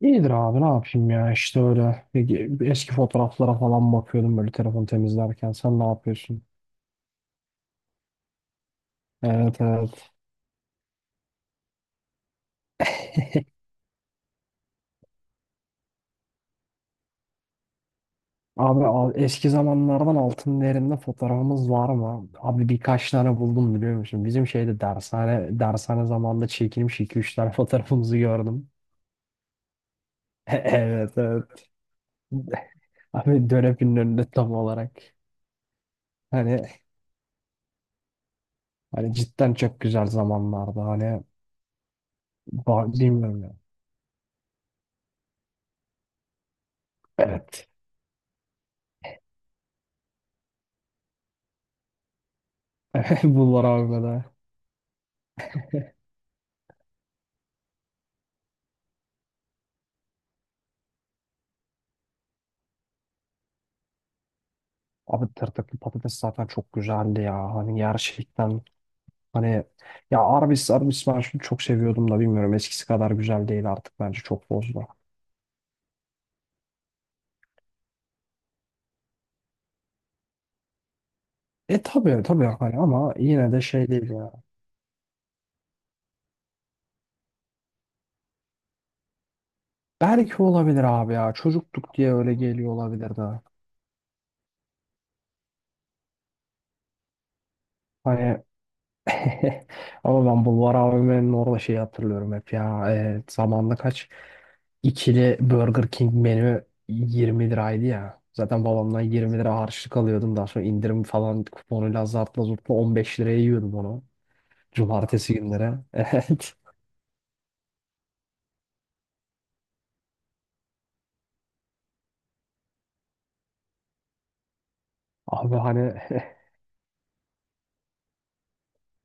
İyidir abi ne yapayım ya işte öyle eski fotoğraflara falan bakıyordum böyle telefon temizlerken sen ne yapıyorsun? Evet, evet. Abi eski zamanlardan altın değerinde fotoğrafımız var mı? Abi birkaç tane buldum biliyor musun? Bizim şeyde dershane zamanında çekilmiş iki üç tane fotoğrafımızı gördüm. Evet, evet. Abi dönepin önünde tam olarak. Hani hani cidden çok güzel zamanlardı hani bilmiyorum ya. Evet. Bunlar abi de. Abi tırtıklı patates zaten çok güzeldi ya. Hani gerçekten hani ya Arby's ben şunu çok seviyordum da bilmiyorum eskisi kadar güzel değil artık bence çok bozdu. E tabii, tabii hani ama yine de şey değil ya. Belki olabilir abi ya. Çocukluk diye öyle geliyor olabilir de. Hani, ama ben Bulvar AVM'nin orada şeyi hatırlıyorum hep ya. Zamanında kaç? İkili Burger King menü 20 liraydı ya. Zaten babamdan 20 lira harçlık alıyordum. Daha sonra indirim falan kuponuyla zartla zurtla 15 liraya yiyordum onu. Cumartesi günleri. Evet. Abi hani,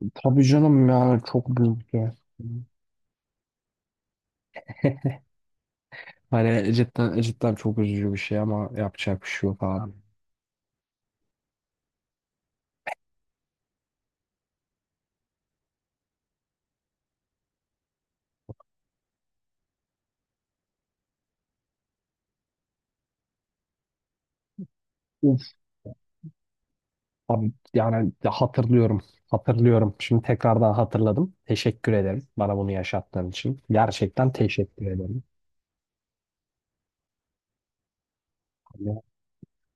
tabii canım yani çok büyük bir şey. Hani cidden, cidden çok üzücü bir şey ama yapacak bir şey yok abi. Abi yani hatırlıyorum. Hatırlıyorum. Şimdi tekrardan hatırladım. Teşekkür ederim bana bunu yaşattığın için. Gerçekten teşekkür ederim. Hani-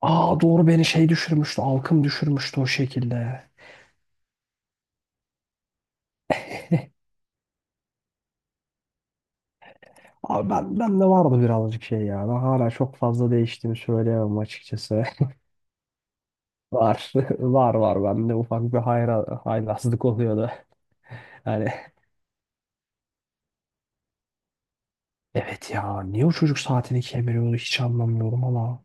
Aa, doğru, beni şey düşürmüştü. Alkım düşürmüştü o şekilde. Abi ben de vardı birazcık şey ya. Ben hala çok fazla değiştiğini söyleyemem açıkçası. Var. Var, var. Bende ufak bir haylazlık oluyordu. Yani evet ya, niye o çocuk saatini kemiriyordu hiç anlamıyorum ama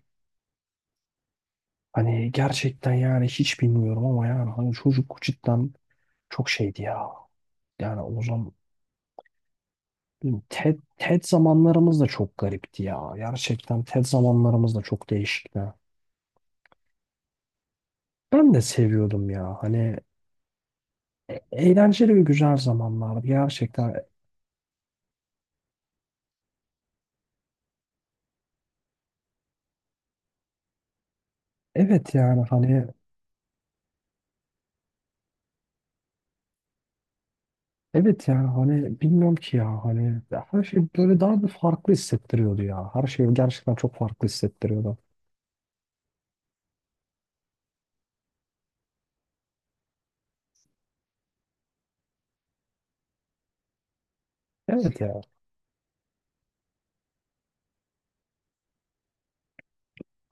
hani gerçekten yani hiç bilmiyorum ama yani hani çocuk cidden çok şeydi ya. Yani o zaman TED zamanlarımız da çok garipti ya. Gerçekten TED zamanlarımız da çok değişikti. Ben de seviyordum ya. Hani eğlenceli ve güzel zamanlardı gerçekten. Evet yani hani evet yani hani bilmiyorum ki ya hani her şey böyle daha bir farklı hissettiriyordu ya. Her şey gerçekten çok farklı hissettiriyordu. Evet ya.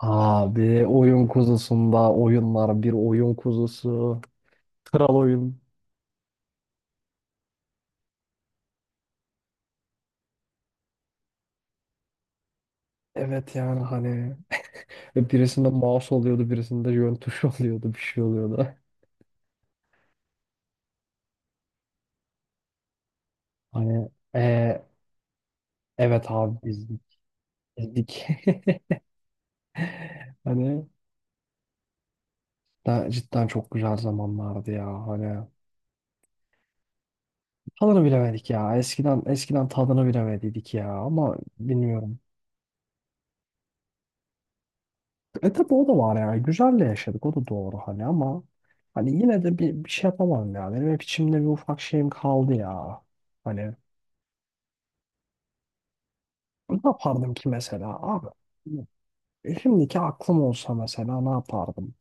Abi oyun kuzusunda oyunlar, bir oyun kuzusu. Kral oyun. Evet yani hani ve birisinde mouse oluyordu, birisinde yön tuşu oluyordu, bir şey oluyordu. Hani e, evet abi biz bizdik. Hani cidden çok güzel zamanlardı ya. Hani tadını bilemedik ya. Eskiden, eskiden tadını bilemediydik ya ama bilmiyorum. E tabi o da var ya. Güzelle yaşadık o da doğru hani ama hani yine de bir şey yapamam ya. Benim hep içimde bir ufak şeyim kaldı ya. Hani ne yapardım ki mesela abi? Şimdiki aklım olsa mesela ne yapardım?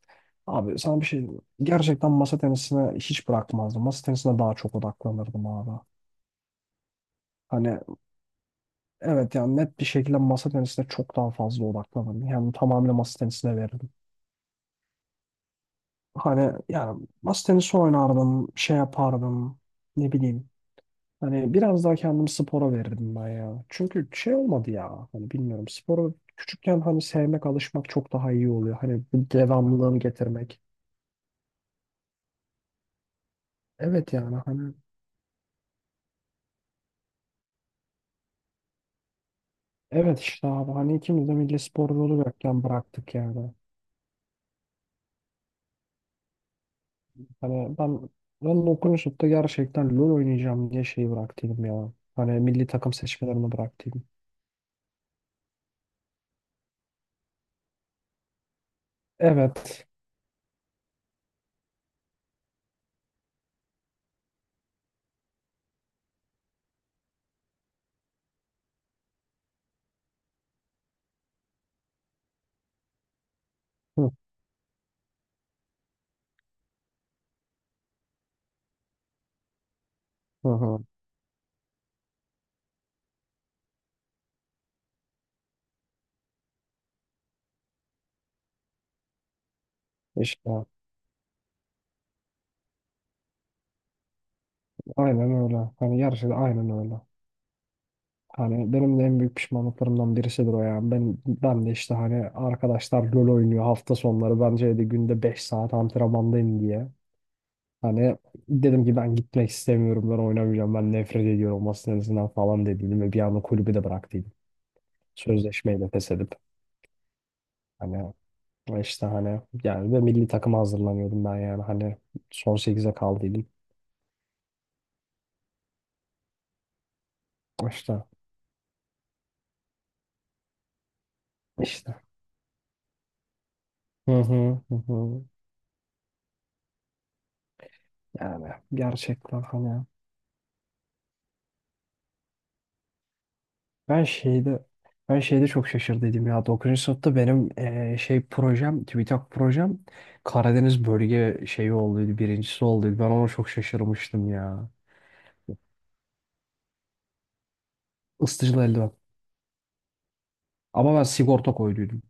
Abi sana bir şey diyeyim mi? Gerçekten masa tenisine hiç bırakmazdım. Masa tenisine daha çok odaklanırdım abi. Hani evet yani net bir şekilde masa tenisine çok daha fazla odaklanırdım. Yani tamamıyla masa tenisine verirdim. Hani yani masa tenisi oynardım, şey yapardım, ne bileyim. Hani biraz daha kendimi spora verirdim ben ya. Çünkü şey olmadı ya. Hani bilmiyorum, sporu küçükken hani sevmek, alışmak çok daha iyi oluyor. Hani bu, devamlılığını getirmek. Evet yani hani evet işte abi hani ikimiz de milli spor yolu yokken bıraktık yani. Hani ben okumuşup da gerçekten LoL oynayacağım diye şeyi bıraktıydım ya. Hani milli takım seçmelerini bıraktıydım. Evet. Hı, hı, hı. İşte aynen öyle. Hani gerçekten aynen öyle. Hani benim de en büyük pişmanlıklarımdan birisidir o, yani ben de işte hani arkadaşlar LoL oynuyor hafta sonları. Bence de günde 5 saat antrenmandayım diye. Hani dedim ki ben gitmek istemiyorum, ben oynamayacağım, ben nefret ediyorum masa tenisinden falan dediydim ve bir anda kulübü de bıraktıydım. Sözleşmeyi de feshedip hani işte hani yani ve milli takıma hazırlanıyordum ben yani hani son sekize kaldıydım. İşte işte. Hı hı, hı hı. Yani gerçekten hani ben şeyde ben şeyde çok şaşırdıydım ya, 9. sınıfta benim şey projem, TÜBİTAK projem, Karadeniz bölge şeyi olduydu, birincisi olduydu, ben ona çok şaşırmıştım ya. Isıtıcılı eldiven. Ama ben sigorta koyduydum.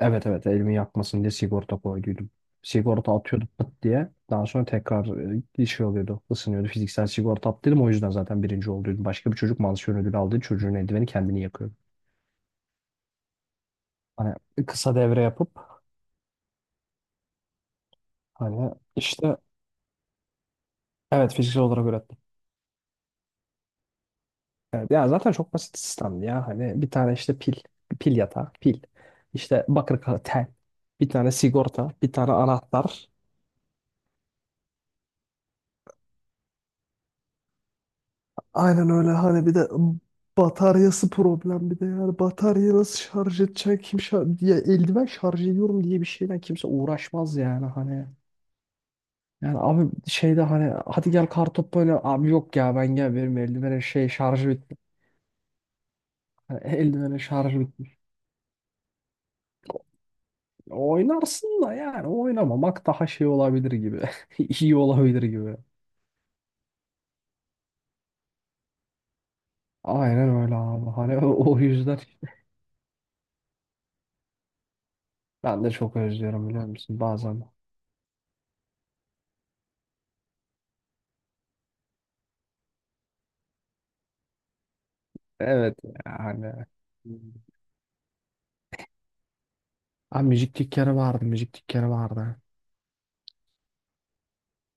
Evet, evet, elimi yakmasın diye sigorta koyduydum. Sigorta atıyordu pıt diye. Daha sonra tekrar bir şey oluyordu. Isınıyordu. Fiziksel sigorta attıydım. O yüzden zaten birinci olduydum. Başka bir çocuk, mansiyon ödülü aldığı çocuğun eldiveni kendini yakıyordu. Hani kısa devre yapıp hani işte evet fiziksel olarak ürettim. Evet, ya zaten çok basit sistemdi ya. Hani bir tane işte pil. Pil yatağı. Pil. İşte bakır kağıt tel. Bir tane sigorta. Bir tane anahtar. Aynen öyle hani bir de bataryası problem, bir de yani bataryayı nasıl şarj edecek, kim şarj diye eldiven şarj ediyorum diye bir şeyle kimse uğraşmaz, yani hani yani abi şeyde hani hadi gel kartopu böyle, abi yok ya ben gel, benim eldivenin şey şarjı bitti. Hani eldivenin şarjı bitmiş oynarsın da, yani oynamamak daha şey olabilir gibi, iyi olabilir gibi, aynen öyle abi hani o yüzden ben de çok özlüyorum biliyor musun bazen, evet yani abi müzik dükkanı vardı, müzik dükkanı vardı.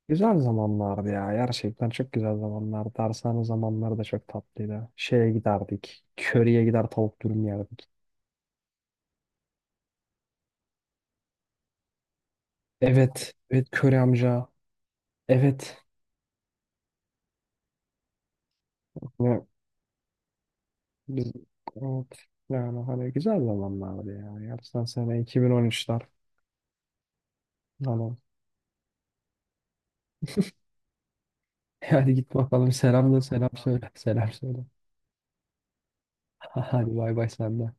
Güzel zamanlardı ya. Gerçekten çok güzel zamanlardı. Dershane zamanları da çok tatlıydı. Şeye giderdik. Köriye gider tavuk dürüm yerdik. Evet. Evet, köri amca. Evet. Ne, biz, evet. Yani hani güzel zamanlardı ya. Gerçekten sene 2013'ler. Hani. Hadi git bakalım. Selam, da selam söyle. Selam söyle. Hadi, bay bay sen de.